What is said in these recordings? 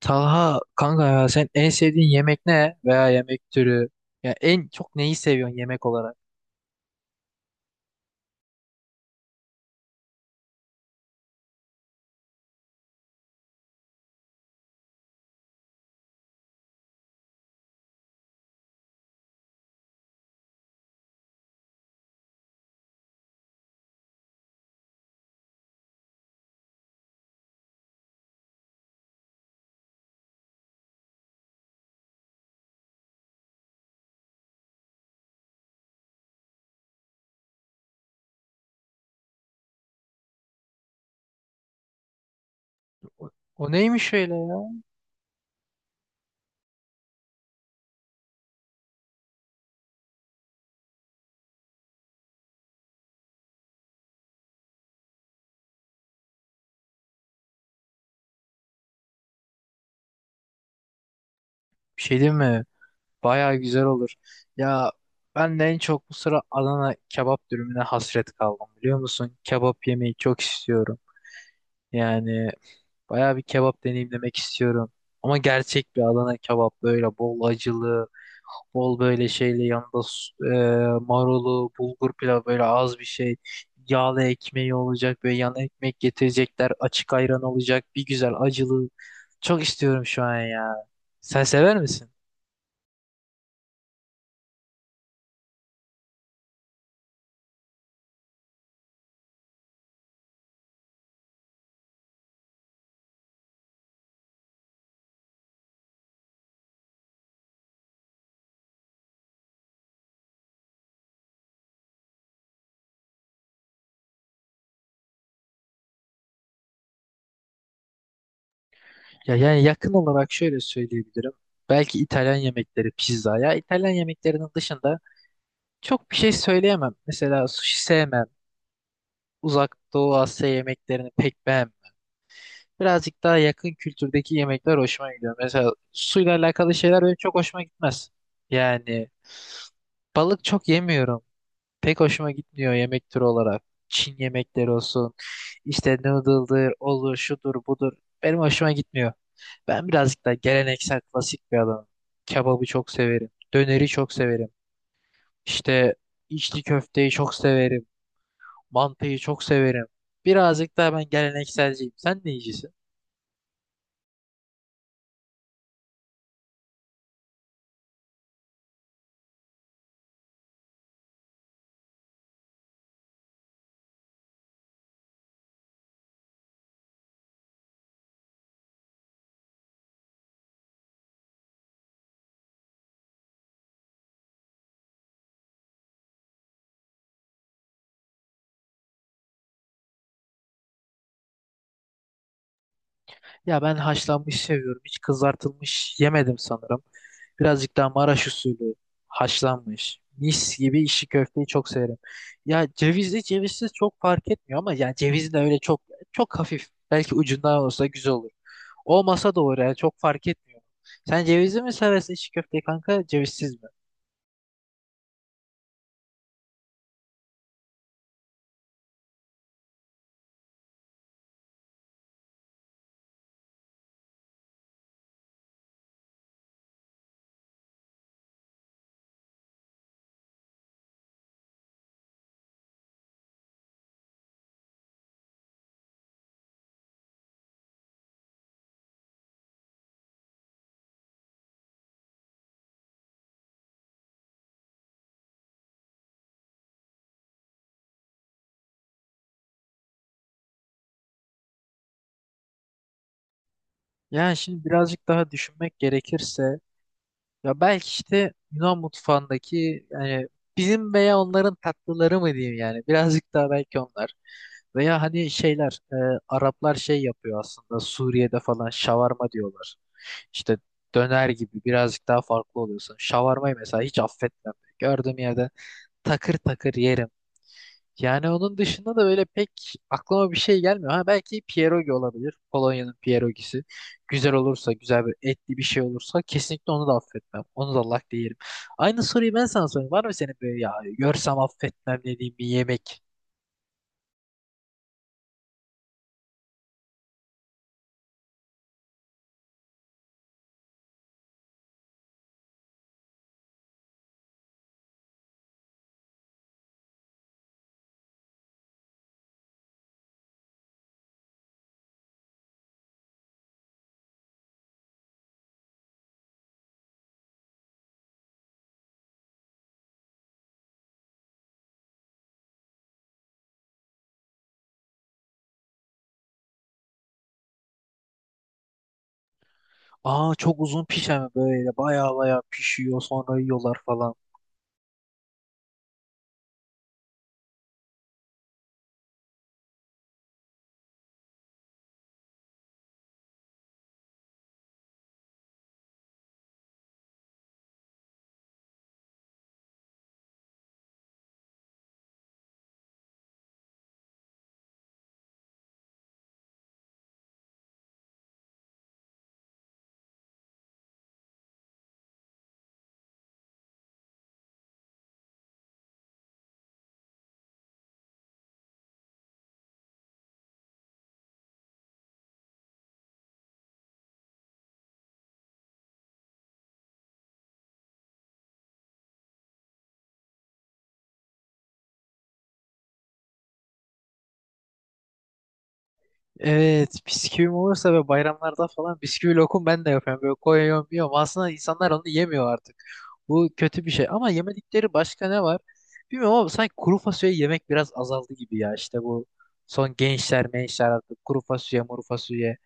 Taha kanka ya sen en sevdiğin yemek ne veya yemek türü? Ya en çok neyi seviyorsun yemek olarak? O, o neymiş öyle ya? Bir şey değil mi? Baya güzel olur. Ya ben de en çok bu sıra Adana kebap dürümüne hasret kaldım biliyor musun? Kebap yemeyi çok istiyorum. Yani baya bir kebap deneyimlemek istiyorum. Ama gerçek bir Adana kebap böyle bol acılı. Bol böyle şeyle yanında marulu, bulgur pilavı böyle az bir şey. Yağlı ekmeği olacak böyle yan ekmek getirecekler. Açık ayran olacak. Bir güzel acılı. Çok istiyorum şu an ya. Sen sever misin? Ya yani yakın olarak şöyle söyleyebilirim. Belki İtalyan yemekleri pizza. Ya İtalyan yemeklerinin dışında çok bir şey söyleyemem. Mesela sushi sevmem. Uzak Doğu Asya yemeklerini pek beğenmem. Birazcık daha yakın kültürdeki yemekler hoşuma gidiyor. Mesela suyla alakalı şeyler benim çok hoşuma gitmez. Yani balık çok yemiyorum. Pek hoşuma gitmiyor yemek türü olarak. Çin yemekleri olsun, işte noodle'dır, olur, şudur, budur. Benim hoşuma gitmiyor. Ben birazcık daha geleneksel, klasik bir adamım. Kebabı çok severim. Döneri çok severim. İşte içli köfteyi çok severim. Mantıyı çok severim. Birazcık daha ben gelenekselciyim. Sen ne yiyicisin? Ya ben haşlanmış seviyorum. Hiç kızartılmış yemedim sanırım. Birazcık daha Maraş usulü haşlanmış. Mis gibi işi köfteyi çok severim. Ya cevizli cevizsiz çok fark etmiyor ama yani cevizi de öyle çok çok hafif. Belki ucundan olsa güzel olur. Olmasa da olur yani çok fark etmiyor. Sen cevizli mi seversin içi köfteyi kanka cevizsiz mi? Yani şimdi birazcık daha düşünmek gerekirse, ya belki işte Yunan mutfağındaki yani bizim veya onların tatlıları mı diyeyim yani birazcık daha belki onlar veya hani şeyler. Araplar şey yapıyor aslında Suriye'de falan şavarma diyorlar. İşte döner gibi birazcık daha farklı oluyorsun. Şavarmayı mesela hiç affetmem. Gördüğüm yerde takır takır yerim. Yani onun dışında da öyle pek aklıma bir şey gelmiyor. Ha belki pierogi olabilir. Polonya'nın pierogisi. Güzel olursa, güzel bir etli bir şey olursa kesinlikle onu da affetmem. Onu da lak yerim. Aynı soruyu ben sana sorayım. Var mı senin böyle ya görsem affetmem dediğin bir yemek? Aa çok uzun pişen böyle baya baya pişiyor sonra yiyorlar falan. Evet, bisküvim olursa ve bayramlarda falan bisküvi lokum ben de yapıyorum. Böyle koyuyorum yiyorum. Aslında insanlar onu yemiyor artık. Bu kötü bir şey ama yemedikleri başka ne var? Bilmiyorum ama sanki kuru fasulye yemek biraz azaldı gibi ya. İşte bu son gençler mençler artık kuru fasulye muru fasulye.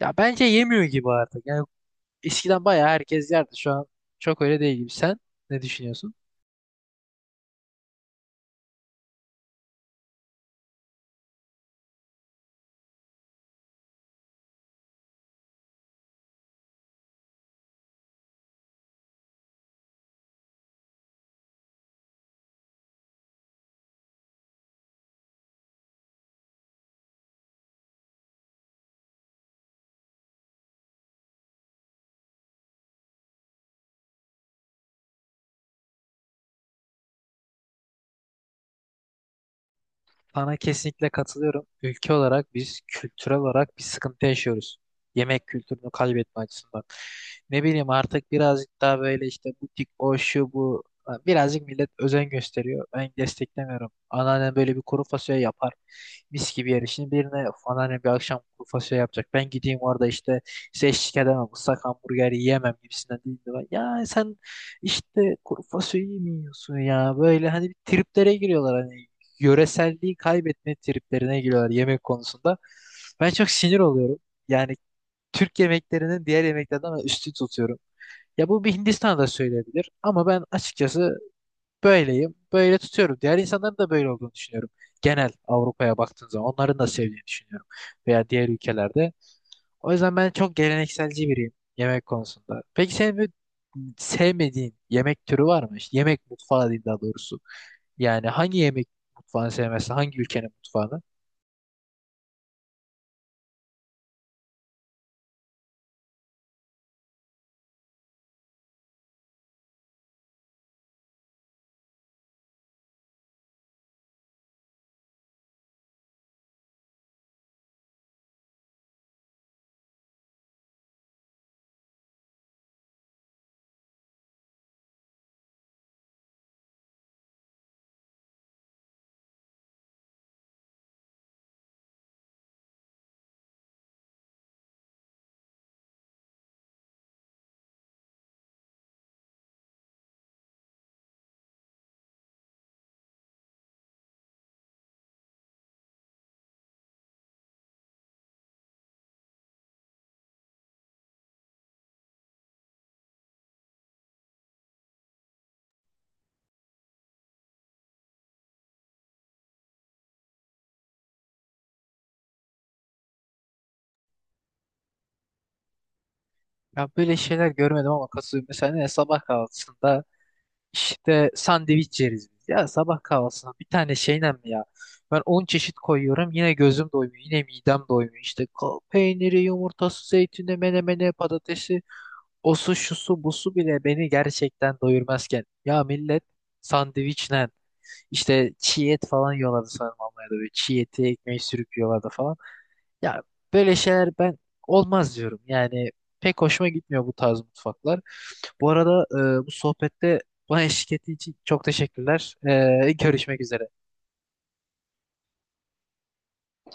Ya bence yemiyor gibi artık. Yani eskiden bayağı herkes yerdi. Şu an çok öyle değil gibi. Sen ne düşünüyorsun? Sana kesinlikle katılıyorum. Ülke olarak biz kültürel olarak bir sıkıntı yaşıyoruz. Yemek kültürünü kaybetme açısından. Ne bileyim artık birazcık daha böyle işte butik o şu bu, birazcık millet özen gösteriyor. Ben desteklemiyorum. Anneannem böyle bir kuru fasulye yapar. Mis gibi yer. Şimdi birine "Of, anneannem bir akşam kuru fasulye yapacak. Ben gideyim orada işte size eşlik edemem. Islak hamburger yiyemem" gibisinden değil de ben, ya sen işte kuru fasulye mi yiyorsun ya? Böyle hani bir triplere giriyorlar, hani yöreselliği kaybetme triplerine giriyorlar yemek konusunda. Ben çok sinir oluyorum. Yani Türk yemeklerinin diğer yemeklerden ben üstün tutuyorum. Ya bu bir Hindistan'da söyleyebilir ama ben açıkçası böyleyim. Böyle tutuyorum. Diğer insanların da böyle olduğunu düşünüyorum. Genel Avrupa'ya baktığın zaman onların da sevdiğini düşünüyorum. Veya diğer ülkelerde. O yüzden ben çok gelenekselci biriyim yemek konusunda. Peki senin bir sevmediğin yemek türü var mı? İşte yemek mutfağı diyeyim daha doğrusu. Yani hangi yemek mutfağını sevmezsin? Hangi ülkenin mutfağını? Ya böyle şeyler görmedim ama katılıyorum. Mesela ne sabah kahvaltısında işte sandviç yeriz biz. Ya sabah kahvaltısında bir tane şeyle mi ya? Ben 10 çeşit koyuyorum yine gözüm doymuyor. Yine midem doymuyor. İşte peyniri, yumurtası, zeytini, menemene patatesi. O su, şu su, bu su bile beni gerçekten doyurmazken. Ya millet sandviçle işte çiğ et falan yiyorlardı sanırım Almanya'da. Böyle çiğ eti ekmeği sürüp yiyorlardı falan. Ya böyle şeyler ben olmaz diyorum. Yani pek hoşuma gitmiyor bu tarz mutfaklar. Bu arada, bu sohbette bana eşlik ettiği için çok teşekkürler. Görüşmek üzere.